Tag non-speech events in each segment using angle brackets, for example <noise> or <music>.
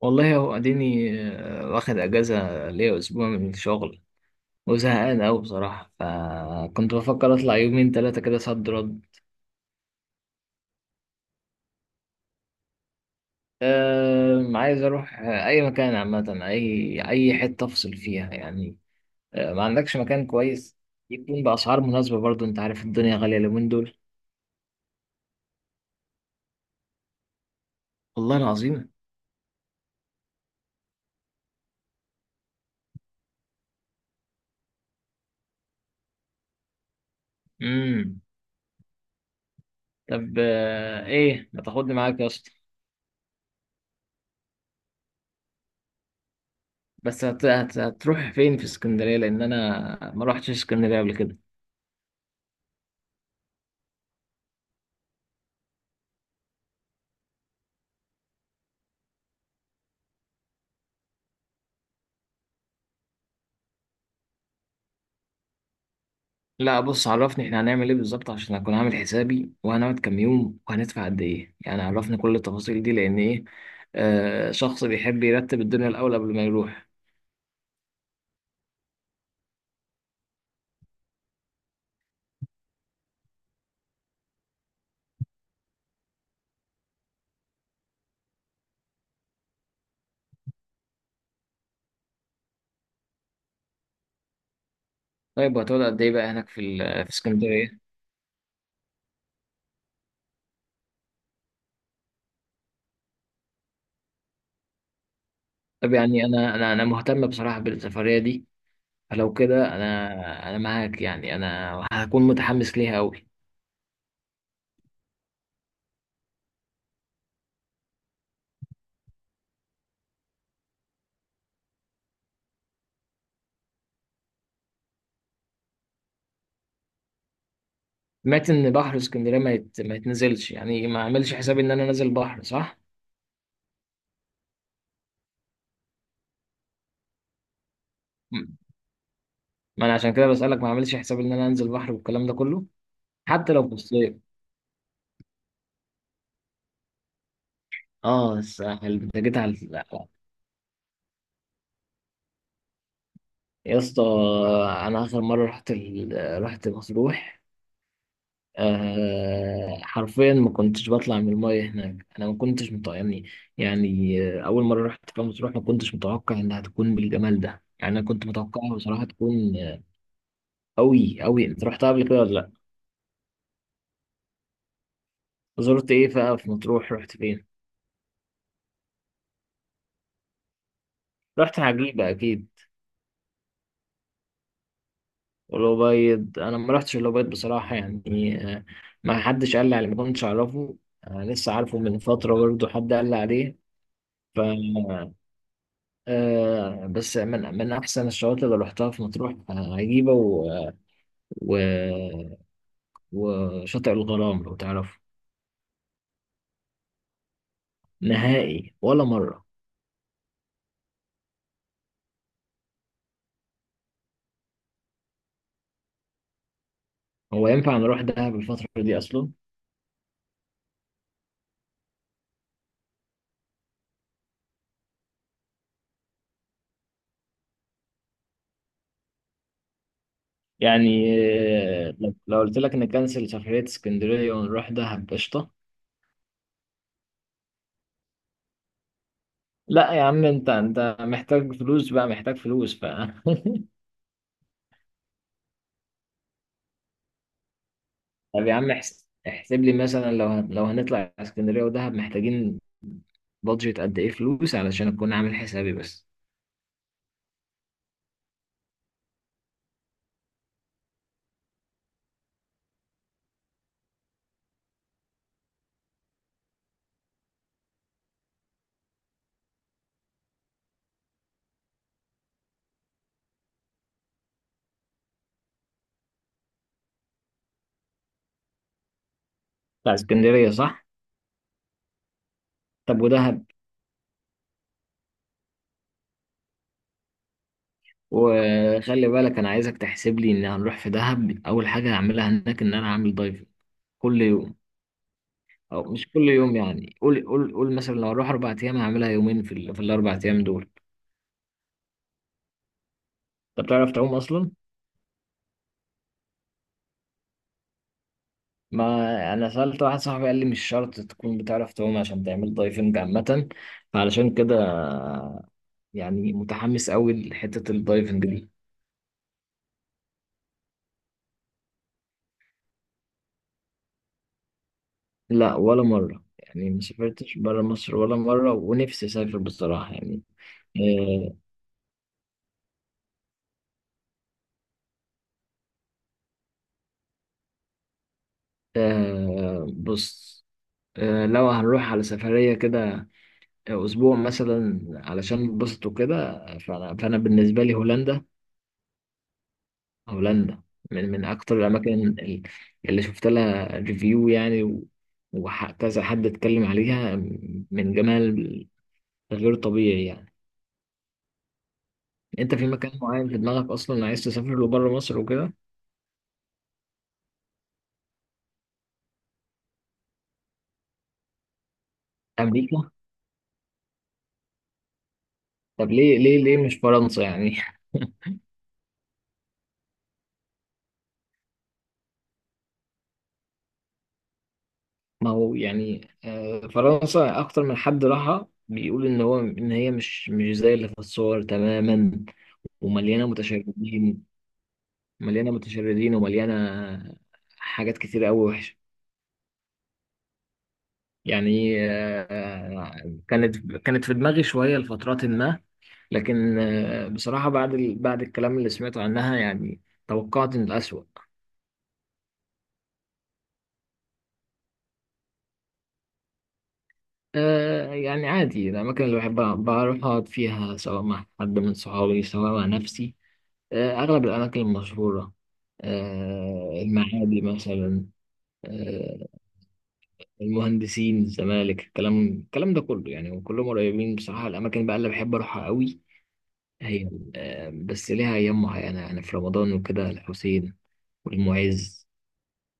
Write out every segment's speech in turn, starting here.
والله هو اديني واخد اجازه ليا اسبوع من الشغل، وزهقان اوي بصراحه. فكنت بفكر اطلع يومين ثلاثه كده صد رد. أه، عايز اروح اي مكان عامه، اي حته افصل فيها يعني. أه، ما عندكش مكان كويس يكون باسعار مناسبه؟ برضو انت عارف الدنيا غاليه اليومين دول. والله العظيم. امم. طب أه، ايه ما تاخدني معاك يا اسطى؟ بس هتروح فين في اسكندريه؟ لان انا ما روحتش اسكندريه قبل كده. لا بص، عرفني احنا هنعمل ايه بالظبط عشان اكون عامل حسابي، وهنقعد كام يوم، وهندفع قد ايه؟ يعني عرفني كل التفاصيل دي، لان ايه، شخص بيحب يرتب الدنيا الاول قبل ما يروح. طيب وهتقعد قد ايه بقى هناك في اسكندريه؟ طب يعني انا مهتم بصراحه بالسفريه دي، فلو كده انا معاك. يعني انا هكون متحمس ليها قوي. سمعت ان بحر اسكندريه ما يتنزلش، يعني ما اعملش حسابي ان انا نازل بحر، صح؟ ما انا عشان كده بسالك، ما اعملش حسابي ان انا انزل بحر والكلام ده كله؟ حتى لو في الصيف. اه، الساحل، انت جيت على الساحل. يا اسطى، انا اخر مره رحت رحت مطروح، حرفيا ما كنتش بطلع من المايه هناك. انا ما كنتش متوقعني، يعني اول مره رحت فيها مطروح ما كنتش متوقع انها تكون بالجمال ده. يعني انا كنت متوقعها بصراحه تكون قوي قوي. انت رحتها قبل كده ولا لا؟ زرت ايه بقى في مطروح؟ رحت فين؟ رحت عجيبه اكيد. الأبيض؟ أنا ما رحتش الأبيض بصراحة، يعني ما حدش قال لي عليه، ما كنتش أعرفه. أنا لسه عارفه من فترة برضه، حد قال لي عليه. ف بس من أحسن الشواطئ اللي رحتها في مطروح عجيبة، و... وشاطئ الغرام لو تعرفه. نهائي، ولا مرة. هو ينفع نروح دهب الفترة دي أصلا؟ يعني لو قلت لك نكنسل سفرية اسكندرية ونروح دهب، قشطة. لا يا عم، انت محتاج فلوس بقى، محتاج فلوس بقى. <laughs> طب يا عم احسب لي مثلا لو لو هنطلع اسكندريه ودهب، محتاجين بادجت قد ايه فلوس علشان اكون عامل حسابي بس. بتاع اسكندريه، صح؟ طب ودهب؟ وخلي بالك انا عايزك تحسب لي ان هنروح في دهب. اول حاجه هعملها هناك ان انا هعمل دايفنج كل يوم. او مش كل يوم، يعني قول مثلا لو هروح اربع ايام هعملها يومين في الاربع ايام دول. انت بتعرف تعوم اصلا؟ ما انا سألت واحد صاحبي، قال لي مش شرط تكون بتعرف تعوم عشان تعمل دايفنج عامة. فعلشان كده يعني متحمس قوي لحتة الدايفنج دي. لا، ولا مرة. يعني ما سافرتش برا مصر ولا مرة، ونفسي اسافر بصراحة يعني. آه. آه، بص. لو هنروح على سفرية كده اسبوع مثلا علشان نتبسط وكده، فأنا بالنسبة لي هولندا. هولندا من اكتر الاماكن ال- اللي شفت لها ريفيو يعني، وكذا حد اتكلم عليها. من جمال غير طبيعي يعني. انت في مكان معين في دماغك اصلا عايز تسافر له بره مصر وكده؟ امريكا؟ طب ليه ليه ليه مش فرنسا يعني؟ <laughs> ما هو يعني فرنسا اكتر من حد راحها بيقول ان هو ان هي مش زي اللي في الصور تماما، ومليانه متشردين. مليانه متشردين، ومليانه حاجات كتير قوي وحشه. يعني كانت في دماغي شوية لفترات ما. لكن بصراحة بعد الكلام اللي سمعته عنها يعني توقعت إن الأسوأ. يعني عادي الأماكن اللي بحب بروح أقعد فيها، سواء مع حد من صحابي، سواء مع نفسي. أغلب الأماكن المشهورة. المعادي مثلا، آه، المهندسين، الزمالك، الكلام ده كله يعني، وكلهم قريبين بصراحة. الأماكن بقى اللي بحب أروحها قوي هي بس ليها أيام معينة، يعني في رمضان وكده، الحسين والمعز.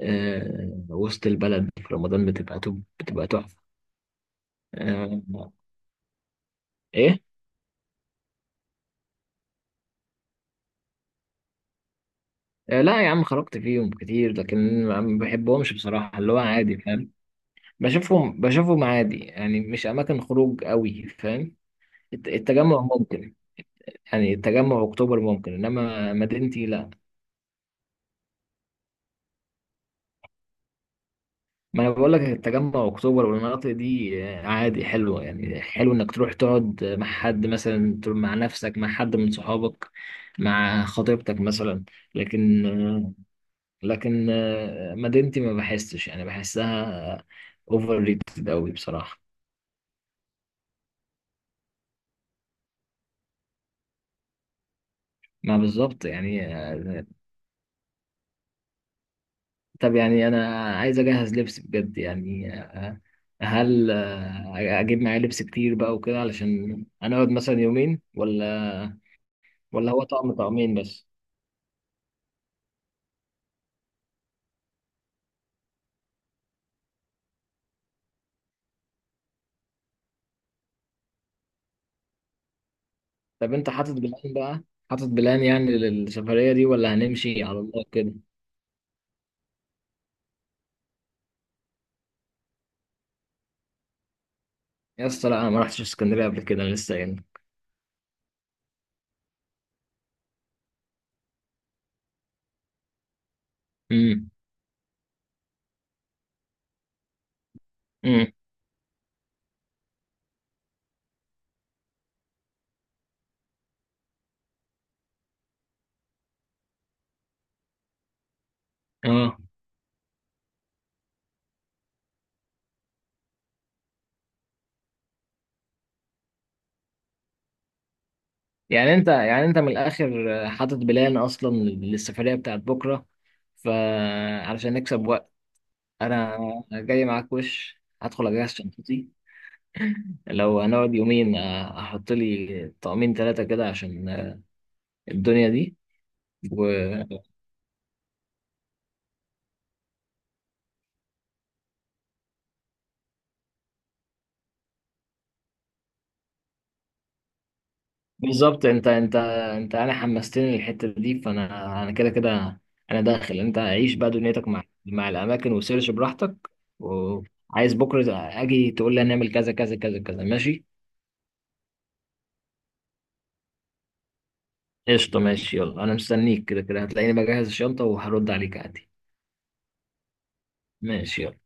وسط البلد في رمضان بتبقى بتبقى تحفة. آه، إيه؟ لا يا عم، خرجت فيهم كتير لكن ما بحبهمش بصراحة، اللي هو عادي، فاهم؟ بشوفهم عادي يعني، مش أماكن خروج قوي، فاهم؟ التجمع ممكن. يعني التجمع أكتوبر ممكن، إنما مدينتي لا. ما انا بقول لك التجمع اكتوبر والمناطق دي عادي حلوه. يعني حلو انك تروح تقعد مع حد، مثلا تروح مع نفسك، مع حد من صحابك، مع خطيبتك مثلا. لكن آه، لكن مدينتي ما بحسش، يعني بحسها اوفر ريتد قوي بصراحه. ما بالظبط يعني طب يعني انا عايز اجهز لبس بجد، يعني هل اجيب معايا لبس كتير بقى وكده علشان هنقعد مثلا يومين؟ ولا ولا هو طقم طقمين بس؟ طب انت حاطط بلان بقى؟ حاطط بلان يعني للسفرية دي، ولا هنمشي على الله كده؟ يا اسطى لا، انا ما رحتش اسكندرية قبل كده، انا لسه هنا. امم. امم. اه. يعني انت من الاخر حاطط بلان اصلا للسفرية بتاعت بكرة، فعلشان نكسب وقت انا جاي معاك. وش هدخل اجهز شنطتي. لو هنقعد يومين احط لي طقمين ثلاثة كده عشان الدنيا دي. بالظبط، انت انا حمستني للحته دي، فانا انا كده كده انا داخل. انت عيش بقى دنيتك مع الاماكن وسيرش براحتك، وعايز بكره اجي تقول لي هنعمل كذا كذا كذا كذا، ماشي؟ قشطه ماشي، يلا انا مستنيك. كده كده هتلاقيني بجهز الشنطه وهرد عليك عادي. ماشي، يلا.